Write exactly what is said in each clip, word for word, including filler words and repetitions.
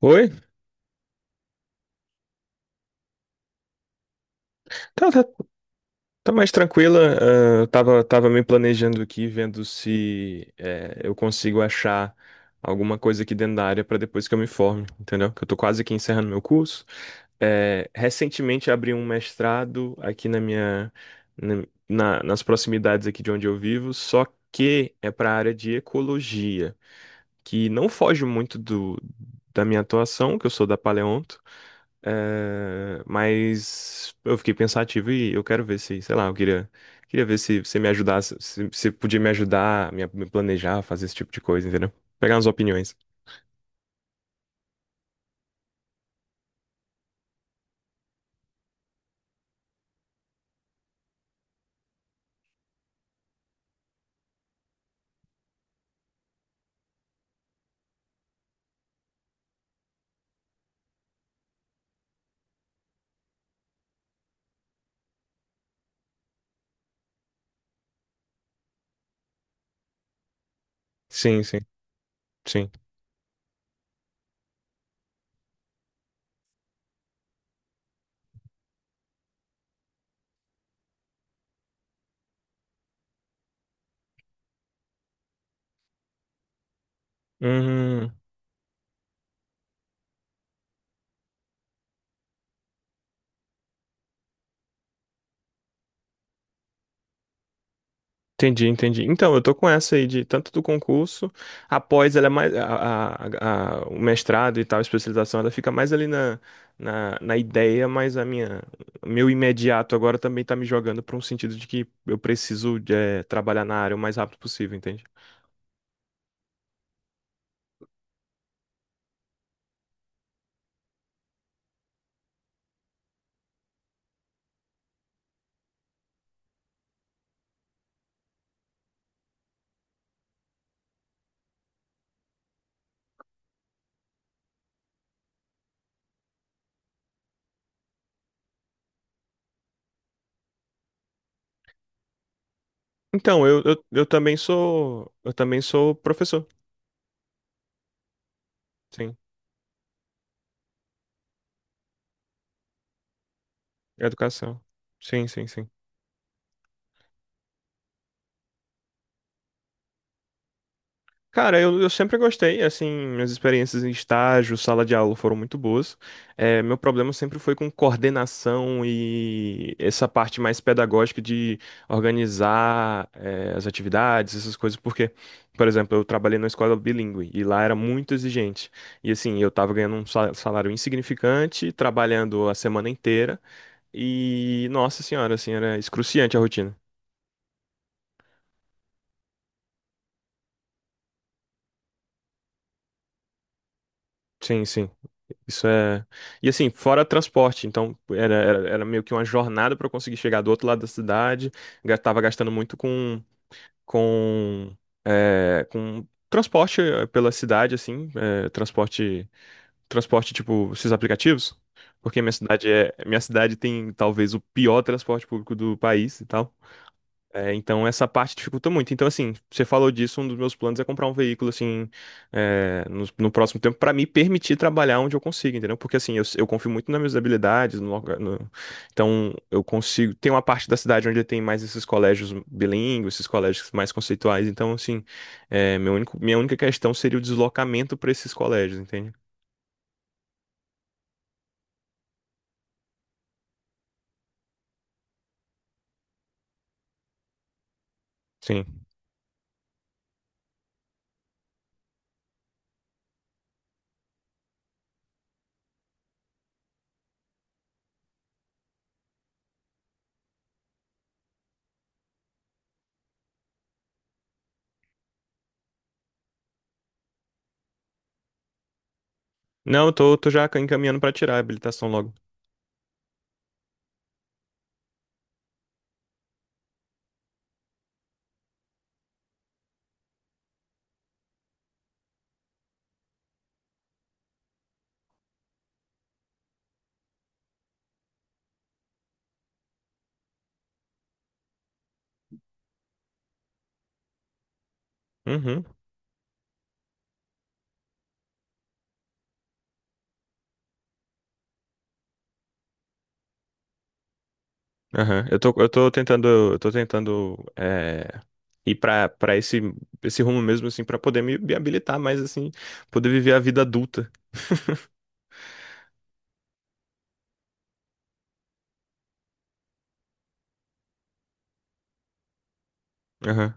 Oi? Tá, tá, tá mais tranquila. ah, eu tava, tava me planejando aqui, vendo se eh, eu consigo achar alguma coisa aqui dentro da área para depois que eu me forme, entendeu? Que eu tô quase aqui encerrando meu curso. Eh, recentemente abri um mestrado aqui na minha, na- na- nas proximidades aqui de onde eu vivo, só que é para a área de ecologia, que não foge muito do, da minha atuação, que eu sou da Paleonto. É, mas eu fiquei pensativo e eu quero ver se, sei lá, eu queria, queria ver se você me ajudasse, se você podia me ajudar, me, me planejar, fazer esse tipo de coisa, entendeu? Pegar umas opiniões. Sim, sim, sim. Uhum. Entendi, entendi. Então, eu tô com essa aí de tanto do concurso, após ela é mais a, a- a- o mestrado e tal, a especialização, ela fica mais ali na, na, na ideia, mas a minha o meu imediato agora também tá me jogando para um sentido de que eu preciso de, eh, trabalhar na área o mais rápido possível, entende? Então, eu, eu, eu também sou eu também sou professor, sim, educação. Sim, sim, sim. Cara, eu, eu sempre gostei, assim, minhas experiências em estágio, sala de aula foram muito boas. Eh, meu problema sempre foi com coordenação e essa parte mais pedagógica de organizar, eh, as atividades, essas coisas, porque, por exemplo, eu trabalhei numa escola bilíngue e lá era muito exigente. E assim, eu tava ganhando um sa- salário insignificante, trabalhando a semana inteira e, nossa senhora, assim, era excruciante a rotina. Sim, sim. Isso é. E assim, fora transporte, então era, era, era meio que uma jornada para eu conseguir chegar do outro lado da cidade. Ga- Tava gastando muito com, com, é, com transporte eh, pela cidade, assim, eh, transporte, transporte tipo esses aplicativos, porque minha cidade é, minha cidade tem talvez o pior transporte público do país e tal. É, então essa parte dificulta muito. Então, assim, você falou disso, um dos meus planos é comprar um veículo, assim, é, no, no próximo tempo, para me permitir trabalhar onde eu consigo, entendeu? Porque, assim, eu, eu confio muito nas minhas habilidades, no loca- no- então eu consigo. Tem uma parte da cidade onde tem mais esses colégios bilíngues, esses colégios mais conceituais, então, assim, é, meu único, minha única questão seria o deslocamento para esses colégios, entende? Sim. Não, eu tô, tô já encaminhando para tirar a habilitação logo. Uhum. Aham. Eu tô, eu tô tentando, eu tô tentando é, ir pra, pra esse, esse rumo mesmo, assim, pra poder me, me habilitar mais, assim, poder viver a vida adulta. Aham.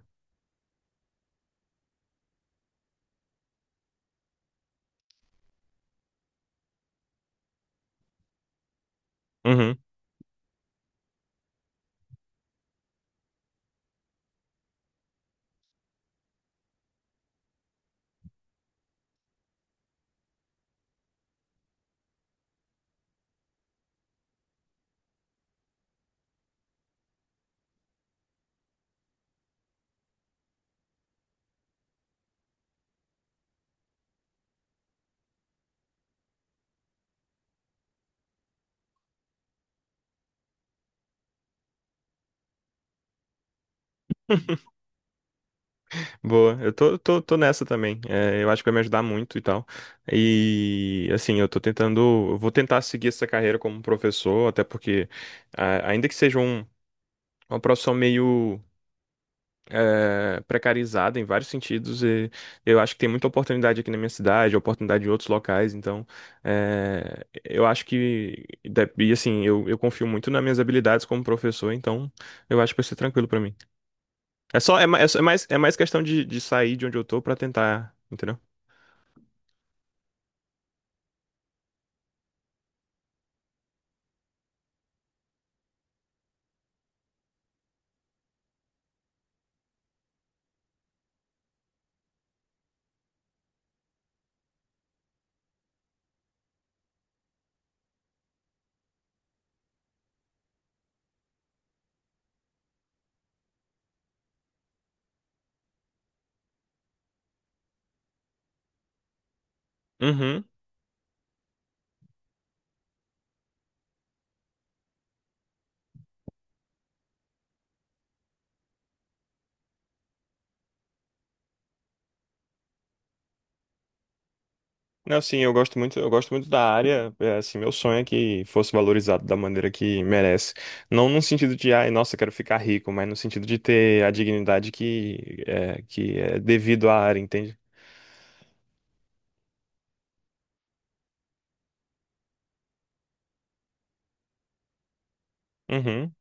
Uhum. Boa, eu tô, tô, tô nessa também. É, eu acho que vai me ajudar muito e tal. E assim, eu tô tentando, eu vou tentar seguir essa carreira como professor, até porque, ah, ainda que seja um, uma profissão meio eh, precarizada em vários sentidos e eu acho que tem muita oportunidade aqui na minha cidade, oportunidade em outros locais, então eh, eu acho que e assim, eu, eu confio muito nas minhas habilidades como professor, então eu acho que vai ser tranquilo pra mim. É só é, ma- é só- é mais é mais questão de, de sair de onde eu tô pra tentar, entendeu? Uhum. Não, sim, eu gosto muito, eu gosto muito da área, é, assim, meu sonho é que fosse valorizado da maneira que merece. Não no sentido de, ai, nossa, quero ficar rico, mas no sentido de ter a dignidade que é, que é devido à área, entende? Uhum,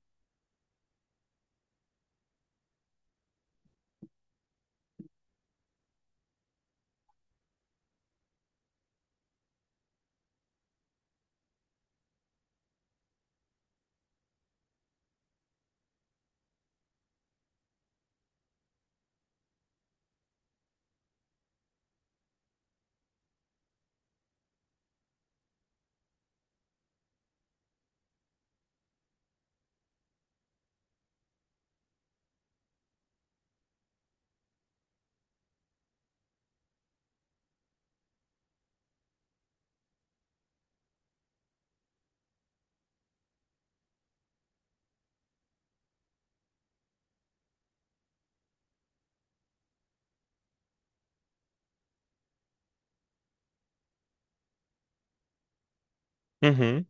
uhum,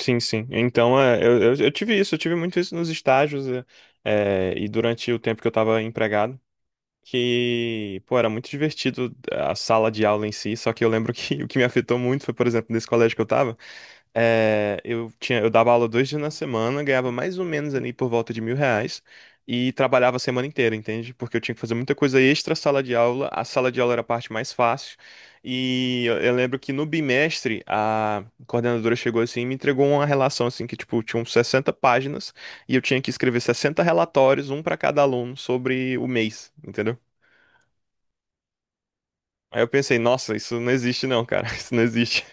sim, sim. Então, é, eu, eu, eu tive isso, eu tive muito isso nos estágios, é, é, e durante o tempo que eu estava empregado, que, pô, era muito divertido a sala de aula em si, só que eu lembro que o que me afetou muito foi, por exemplo, nesse colégio que eu estava. É, eu tinha, eu dava aula dois dias na semana, ganhava mais ou menos ali por volta de mil reais e trabalhava a semana inteira, entende? Porque eu tinha que fazer muita coisa extra sala de aula. A sala de aula era a parte mais fácil. E eu, eu lembro que no bimestre a coordenadora chegou assim e me entregou uma relação assim que tipo tinha uns sessenta páginas e eu tinha que escrever sessenta relatórios, um para cada aluno sobre o mês, entendeu? Aí eu pensei, nossa, isso não existe não, cara, isso não existe.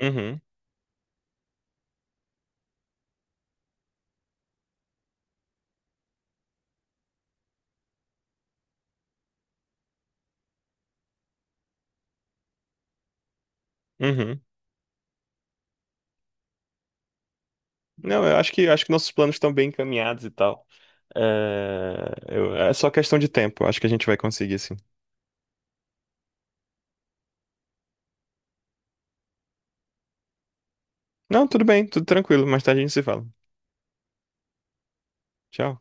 Uhum, uhum. Não, eu acho que acho que nossos planos estão bem encaminhados e tal. É, eu- é só questão de tempo. Acho que a gente vai conseguir, sim. Não, tudo bem, tudo tranquilo. Mais tarde a gente se fala. Tchau.